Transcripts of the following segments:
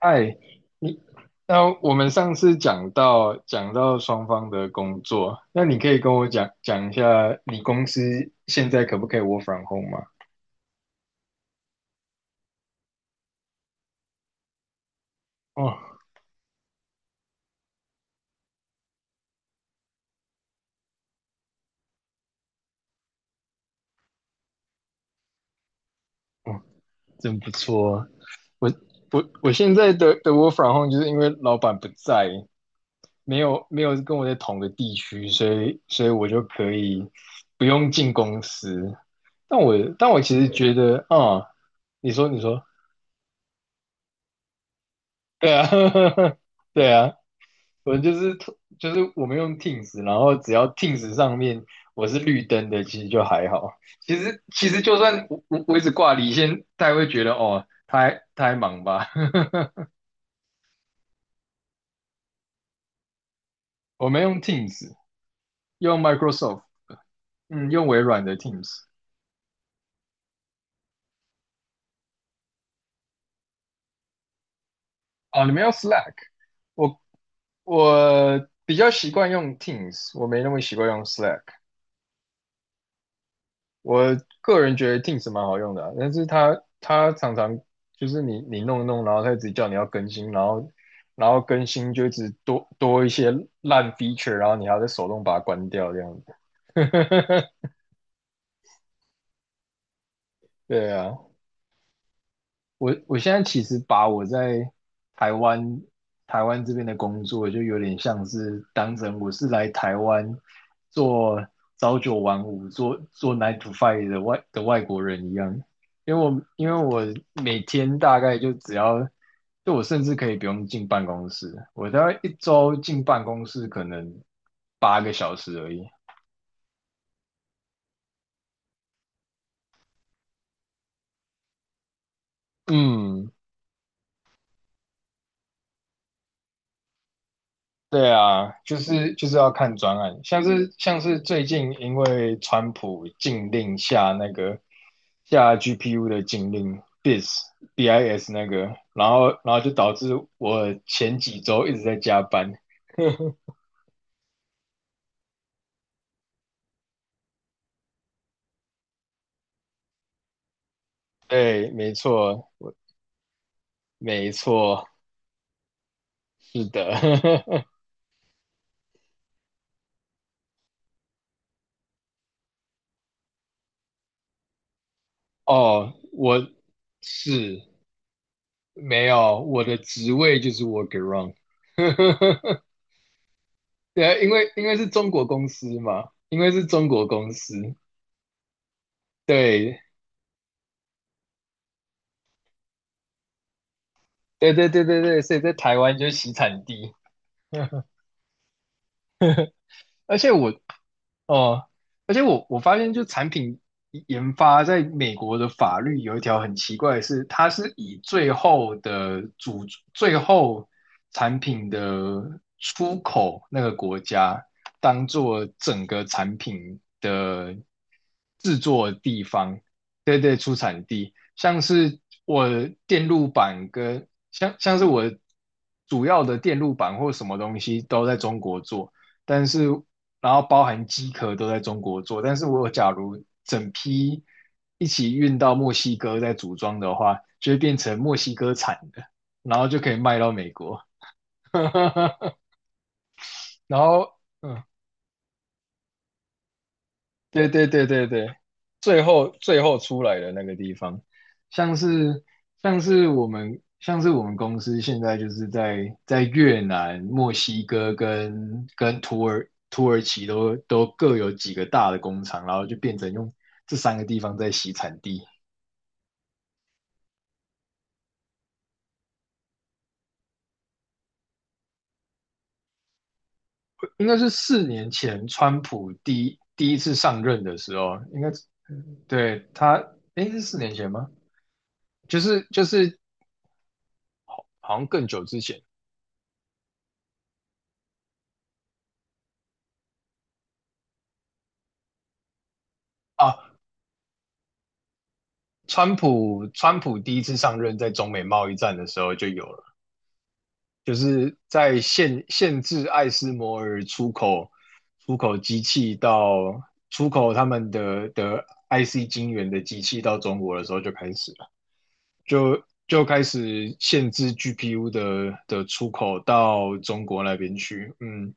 哎，你，那我们上次讲到双方的工作，那你可以跟我讲讲一下你公司现在可不可以 work from home 吗？哦，哦，真不错啊，我我现在的 work from home 就是因为老板不在，没有跟我在同个地区，所以我就可以不用进公司。但我但我其实觉得，啊、你说，对啊，对啊。我就是我们用 Teams，然后只要 Teams 上面我是绿灯的，其实就还好。其实就算我一直挂离线，大家会觉得哦，他还忙吧。我们用 Teams，用 Microsoft，嗯，用微软的 Teams。哦，你们用 Slack，我我比较习惯用 Teams，我没那么习惯用 Slack。我个人觉得 Teams 蛮好用的啊但是它常常就是你弄一弄，然后它一直叫你要更新，然后更新就一直多一些烂 feature，然后你还要再手动把它关掉这样子。对啊，我现在其实把我在台湾台湾这边的工作，就有点像是当成我是来台湾做朝九晚五、做 nine to five 的外国人一样，因为我每天大概就只要，就我甚至可以不用进办公室，我大概一周进办公室可能8 个小时而已。嗯，对啊，就是要看专案，像是最近因为川普禁令下那个下 GPU 的禁令 BIS 那个，然后就导致我前几周一直在加班。对，没错，我没错，是的。哦，我是没有我的职位就是 workaround。对啊，因为是中国公司嘛，因为是中国公司，对，对对对对对，所以在台湾就是洗产地。而且我哦，而且我发现，就产品研发在美国的法律有一条很奇怪的是，它是以最后产品的出口那个国家当做整个产品的制作地方，对对，出产地，像是我的电路板跟像是我主要的电路板或什么东西都在中国做。但是然后包含机壳都在中国做，但是我假如整批一起运到墨西哥再组装的话，就会变成墨西哥产的，然后就可以卖到美国。然后，嗯，对对对对对，最后出来的那个地方，像是像是我们公司现在就是在越南、墨西哥跟土耳其都各有几个大的工厂，然后就变成用这三个地方在洗产地。应该是四年前川普第一次上任的时候，应该是对他，诶，是四年前吗？就是好像更久之前。啊。川普第一次上任，在中美贸易战的时候就有了，就是在限制艾斯摩尔出口机器到出口他们的 IC 晶圆的机器到中国的时候就开始了，就开始限制 GPU 的出口到中国那边去，嗯，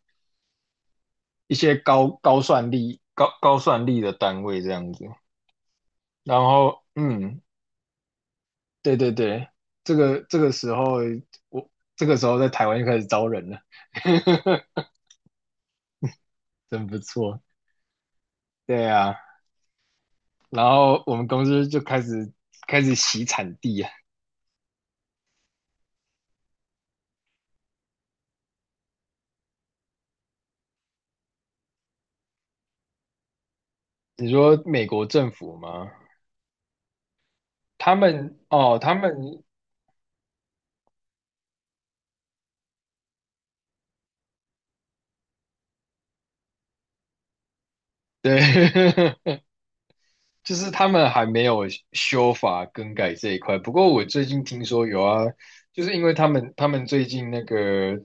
一些高高算力的单位这样子，然后嗯，对对对，这个这个时候我这个时候在台湾就开始招人了，真不错。对啊，然后我们公司就开始洗产地啊。你说美国政府吗？他们哦，他们对，就是他们还没有修法更改这一块。不过我最近听说有啊，就是因为他们最近那个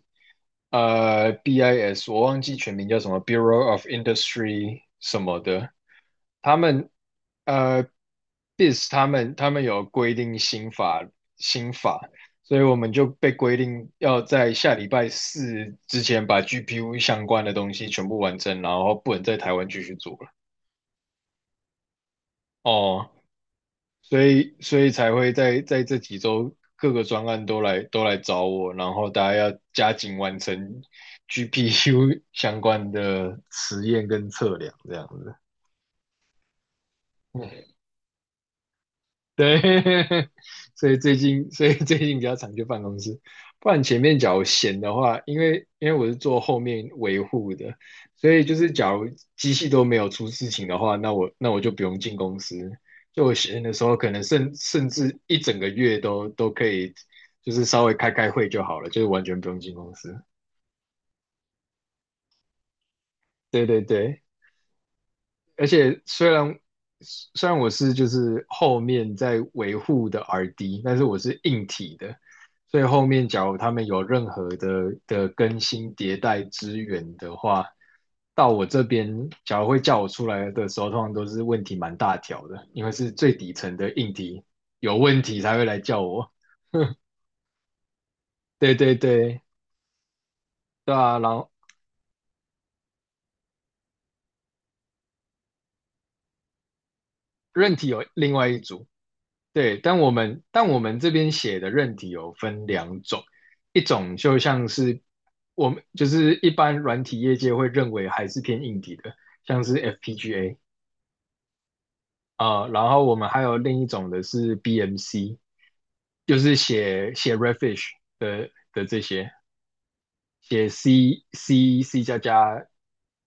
BIS，我忘记全名叫什么 Bureau of Industry 什么的，他们呃 BIS 他们有规定新法，所以我们就被规定要在下礼拜四之前把 GPU 相关的东西全部完成，然后不能在台湾继续做了。哦，所以才会在这几周各个专案都来找我，然后大家要加紧完成 GPU 相关的实验跟测量，这样子。对，所以最近比较常去办公室，不然前面假如闲的话，因为我是做后面维护的，所以就是假如机器都没有出事情的话，那我就不用进公司。就我闲的时候，可能甚至一整个月都可以，就是稍微开开会就好了，就是完全不用进公司。对对对。而且虽然我是就是后面在维护的 RD，但是我是硬体的，所以后面假如他们有任何的更新迭代支援的话，到我这边假如会叫我出来的时候，通常都是问题蛮大条的，因为是最底层的硬体有问题才会来叫我。对对对，对啊，然后韧体有另外一组，对，但我们这边写的韧体有分2 种，一种就像是我们就是一般软体业界会认为还是偏硬体的，像是 FPGA 啊、然后我们还有另一种的是 BMC，就是写写 Redfish 的这些，写 C 加加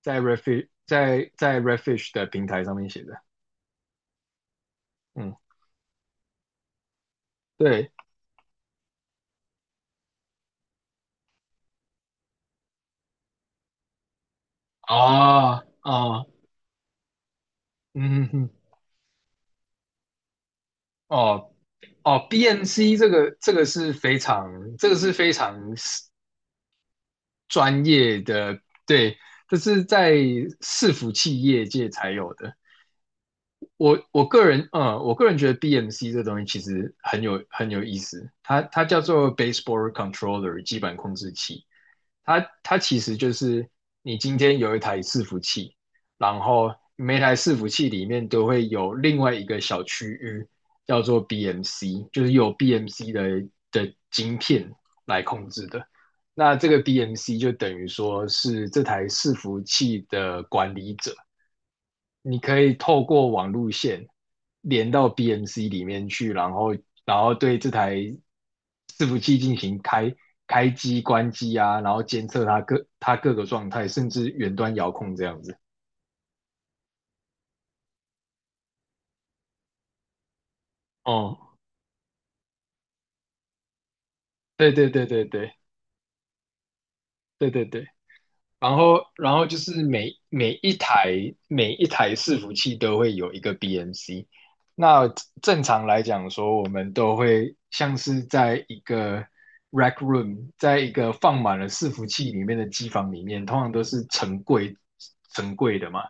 在 Redfish 的平台上面写的，嗯，对，哦哦，嗯哼哼哦哦，BMC 这个这个是非常这个是非常专业的，对，这是在伺服器业界才有的。我个人觉得 BMC 这东西其实很有意思，它它叫做 Baseboard Controller 基板控制器。它其实就是你今天有一台伺服器，然后每台伺服器里面都会有另外一个小区域叫做 BMC，就是有 BMC 的晶片来控制的。那这个 BMC 就等于说是这台伺服器的管理者，你可以透过网路线连到 BMC 里面去，然后对这台伺服器进行开机、关机啊，然后监测它各个状态，甚至远端遥控这样子。哦，对对对对对对对对。然后就是每一台伺服器都会有一个 BMC。那正常来讲说，我们都会像是在一个 rack room，在一个放满了伺服器里面的机房里面，通常都是成柜成柜的嘛，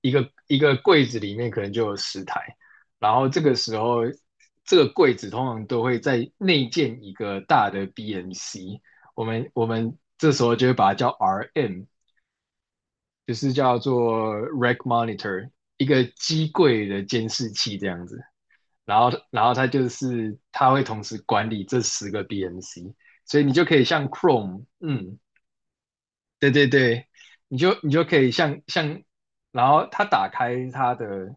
一个一个柜子里面可能就有10 台。然后这个时候，这个柜子通常都会在内建一个大的 BMC。我们这时候就会把它叫 RM，就是叫做 rack monitor，一个机柜的监视器这样子。然后它就是它会同时管理这10 个 BMC，所以你就可以像 Chrome，嗯，对对对，你就可以像，然后它打开它的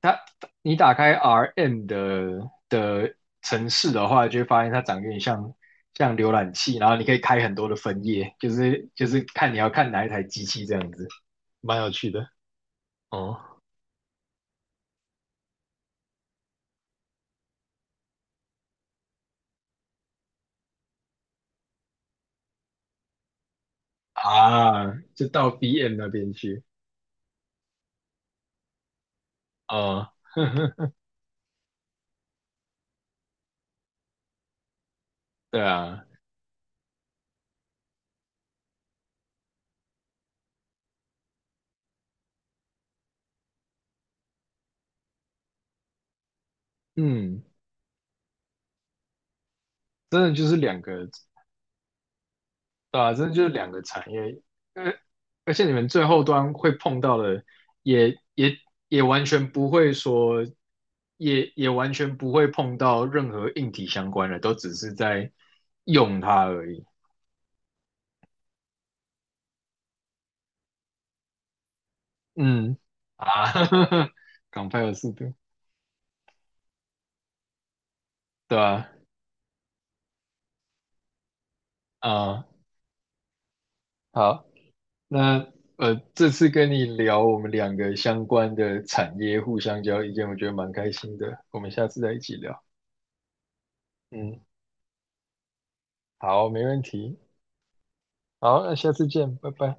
它，你打开 RM 的城市的话，就会发现它长得有点像浏览器，然后你可以开很多的分页，就是看你要看哪一台机器这样子，蛮有趣的。哦，啊，就到 BM 那边去啊，对啊，嗯，真的就是两个，对啊，真的就是两个产业，而而且你们最后端会碰到的也，也也完全不会说，也完全不会碰到任何硬体相关的，都只是在用它而已。嗯，啊，港派有速度，对啊，啊，好。那这次跟你聊我们两个相关的产业，互相交意见，我觉得蛮开心的。我们下次再一起聊。嗯，好，没问题。好，那下次见，拜拜。